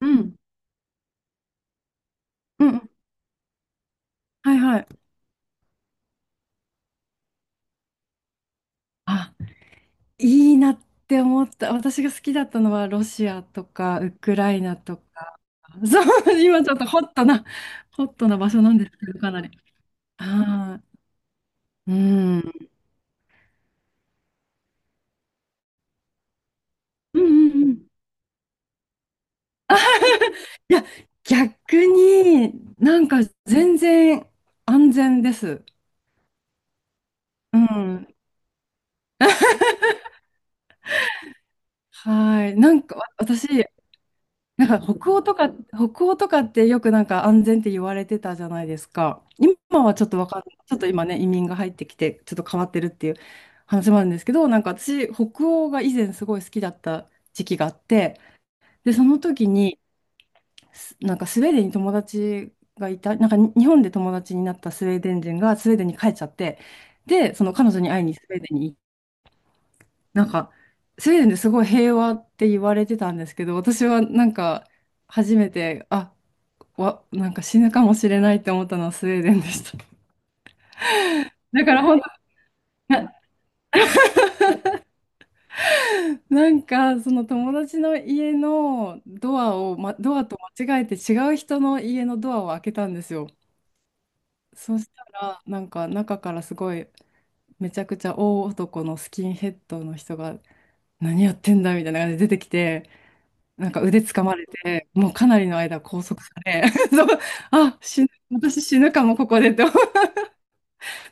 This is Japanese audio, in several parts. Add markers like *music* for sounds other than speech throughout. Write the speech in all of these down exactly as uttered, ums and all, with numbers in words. うん。うん。はいはい。あ、いいなって思った。私が好きだったのはロシアとかウクライナとか。そう、今ちょっとホットな、ホットな場所なんですけど、かなり。はい。うん。うんうんうん。いや、逆になんか全然安全です。うん。はい。なんかわ私、なんか北欧とか、北欧とかってよくなんか安全って言われてたじゃないですか。今はちょっとわかんない。ちょっと今ね、移民が入ってきて、ちょっと変わってるっていう話もあるんですけど、なんか私、北欧が以前すごい好きだった時期があって、で、その時に、すなんかスウェーデンに友達がいた、なんかに日本で友達になったスウェーデン人がスウェーデンに帰っちゃって、で、その彼女に会いにスウェーデンに行っ、なんか、スウェーデンですごい平和って言われてたんですけど、私はなんか、初めて、あ、わ、なんか死ぬかもしれないって思ったのはスウェーデンでした。*laughs* だから本当な、なんかその友達の家のドアを、ま、ドアと間違えて違う人の家のドアを開けたんですよ。そしたら、なんか中からすごいめちゃくちゃ大男のスキンヘッドの人が何やってんだみたいな感じで出てきて、なんか腕掴まれて、もうかなりの間拘束され、 *laughs* そう、あ、死ぬ、私死ぬかもここでって思う。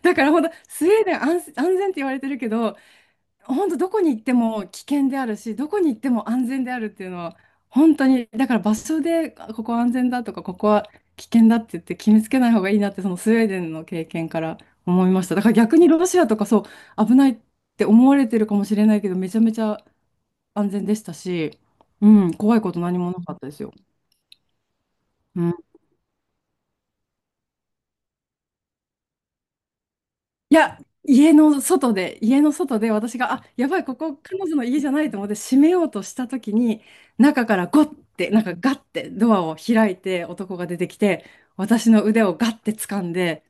だからほんとスウェーデン安、安全って言われてるけど、本当どこに行っても危険であるし、どこに行っても安全であるっていうのは、本当に、だから場所で、あ、ここ安全だとか、ここは危険だって言って決めつけない方がいいなって、そのスウェーデンの経験から思いました。だから逆にロシアとかそう、危ないって思われてるかもしれないけど、めちゃめちゃ安全でしたし、うん、怖いこと何もなかったですよ。うん。いや、家の外で、家の外で私が、あ、やばい、ここ彼女の家じゃないと思って閉めようとした時に、中からゴッて、なんかガッてドアを開いて男が出てきて、私の腕をガッて掴んで、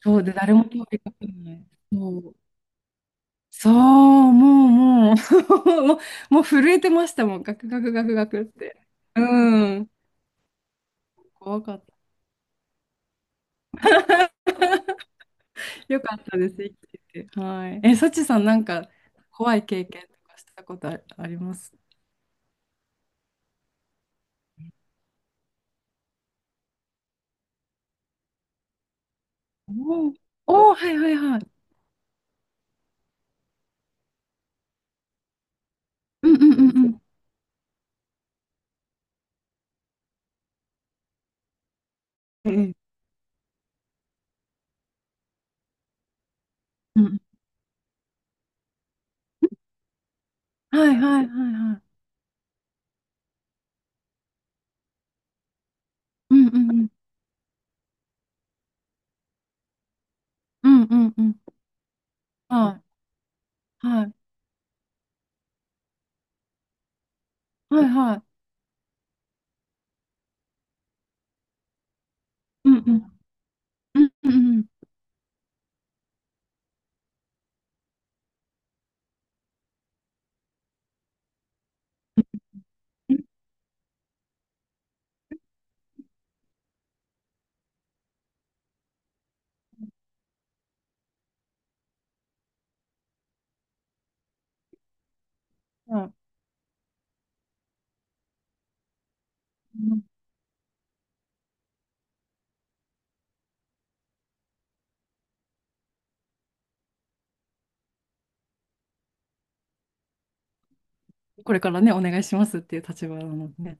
そうで誰も通りかかんない。もう、そう、もう、もう、*laughs* もう、*laughs* もう震えてましたもん、ガクガクガクガクって。うん。怖かった。よかったです、生きてて。はい。え、サチさん、なんか怖い経験とかしたことあありますおーおー、はいはいはい。うんうんうんうん。ええ、うん。はいはいはいはい。うんうんうん。うんうんうん。はい。はい。はいはい。うんうん。うんうんうん。うん、はい、うん。これからね、お願いしますっていう立場なのでね。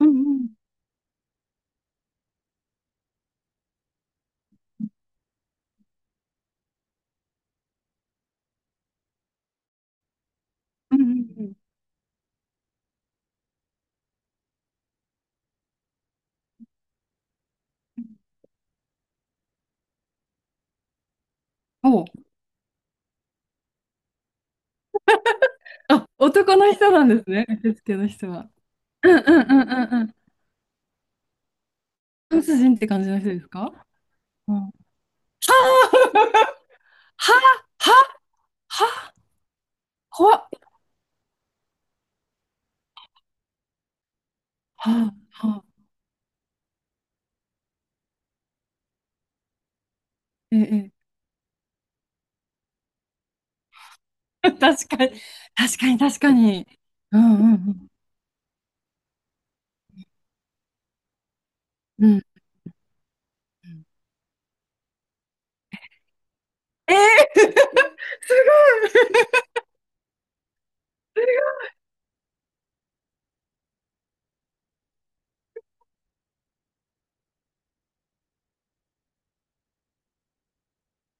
うんうんうんうんうん。おう。あ、男の人なんですね。受付の人は。うんうんうんうんうん。ドイツ人って感じの人ですか？うん。ははは怖っ。ははは。ええ。*laughs* 確かに、確かに、確かに。うんうんうん。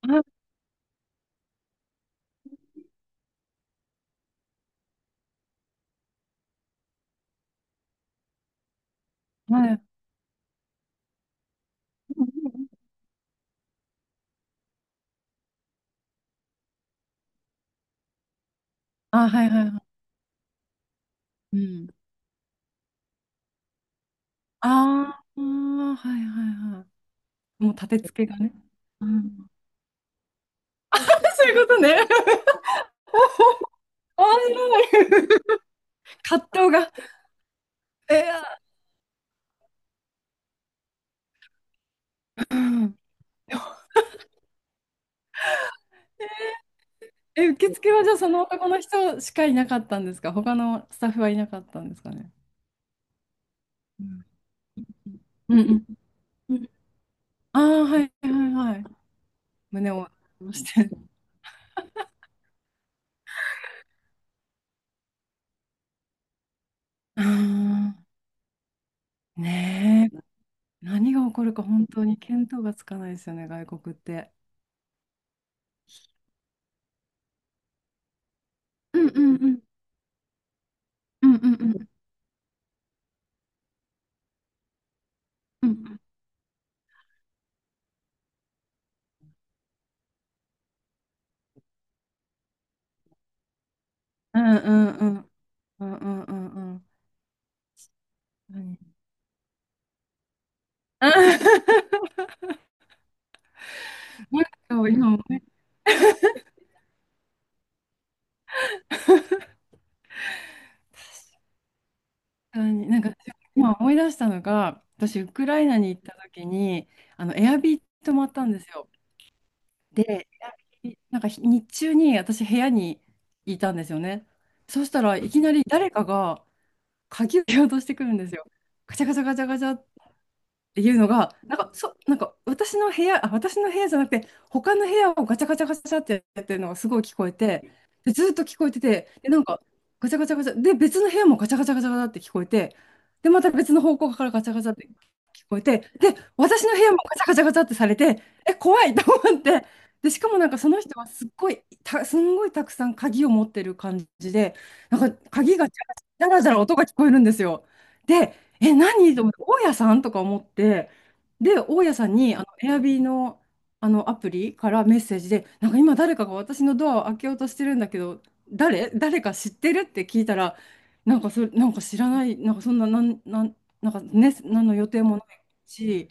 うん。あ、はい。うんうんうん。あ、はい、うんうん。あ、はいはいはい。うん。ああ、はいはいはい。もう立て付けがね。うん。*laughs* あ、そういうことね。*laughs* 面白い。葛藤が。えー、うんえ、受付はじゃあその男の人しかいなかったんですか？他のスタッフはいなかったんですかね。うん。うんうん。ああ、はいはいはい。胸を押して。ああ、ねえ。何が起こるか本当に見当がつかないですよね、外国って。うんうんうんうんうんうん、うんうんうんうん、うんうんうんう、何。 *laughs* なんか今思い出したのになんか今思い出したのが、私、ウクライナに行った時に、あの、エアビー泊まったんですよ。で、エアビーなんか日日中に私、部屋にいたんですよね。そしたらいきなり誰かが鍵を落としてくるんですよ。ガチャガチャガチャガチャっっていうのが、なんか、そ、なんか私の部屋、あ、私の部屋じゃなくて、他の部屋をガチャガチャガチャってやってるのがすごい聞こえて、で、ずっと聞こえてて、で、なんか、ガチャガチャガチャ、で、別の部屋もガチャガチャガチャガチャって聞こえて、で、また別の方向からガチャガチャって聞こえて、で、私の部屋もガチャガチャガチャってされて、え、怖い、 *laughs* と思って、で、しかもなんかその人はすっごい、た、すんごいたくさん鍵を持ってる感じで、なんか鍵がジャラジャラジャラジャラ音が聞こえるんですよ。で、え、何と思って、大家さんとか思って、で、大家さんに、あの、エアビーの、あの、アプリからメッセージで、なんか今誰かが私のドアを開けようとしてるんだけど、誰誰か知ってるって聞いたら、なんかそれ、なんか知らない、なんかそんな、なん、なん、なんかね、何の予定もないし、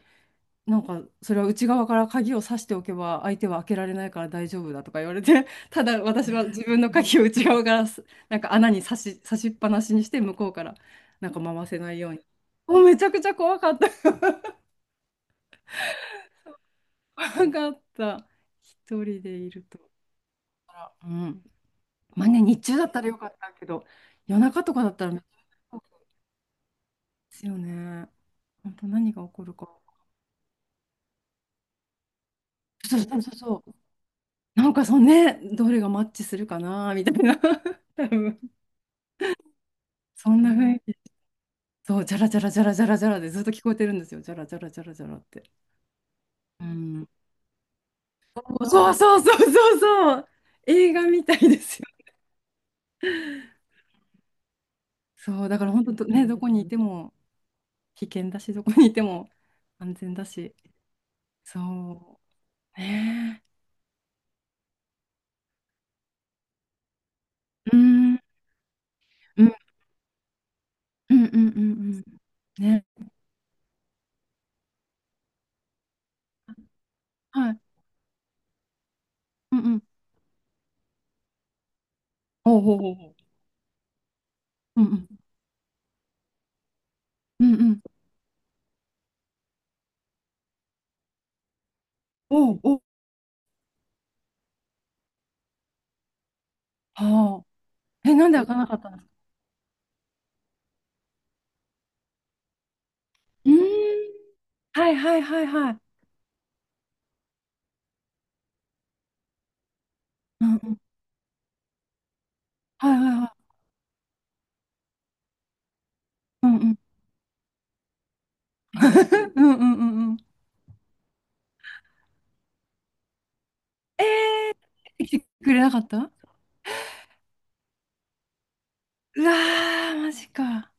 なんかそれは内側から鍵を挿しておけば相手は開けられないから大丈夫だとか言われて、 *laughs* ただ私は自分の鍵を内側からすなんか穴に差し、差しっぱなしにして向こうからなんか回せないように、もうめちゃくちゃ怖かった。 *laughs* 怖かった、一人でいると。うん。まあね、日中だったらよかったけど、夜中とかだったらめっちゃ怖いですよね。本当何が起こるか。そうそうそうそう、なんかそのね、どれがマッチするかなみたいな。 *laughs* 多分そんな雰囲気。そう、じゃらじゃらじゃらじゃらじゃらでずっと聞こえてるんですよ。じゃらじゃらじゃらじゃらって。うん。そうそうそうそうそう。映画みたいですよ。そう、だから本当どね、どこにいても危険だし、どこにいても安全だし。そう。ねえ。うん。うんうんうんうんうん。ね。はい。うんうん。おうおうおうおう。うんうんうんうん。おうおう。はあ。え、なんで開かなかったんですか？うーん。はいはいはいはい。うんうん。はいはいはい。うんうん。*laughs* うんうんうんうん。来てくれなかった。うわー、マジか。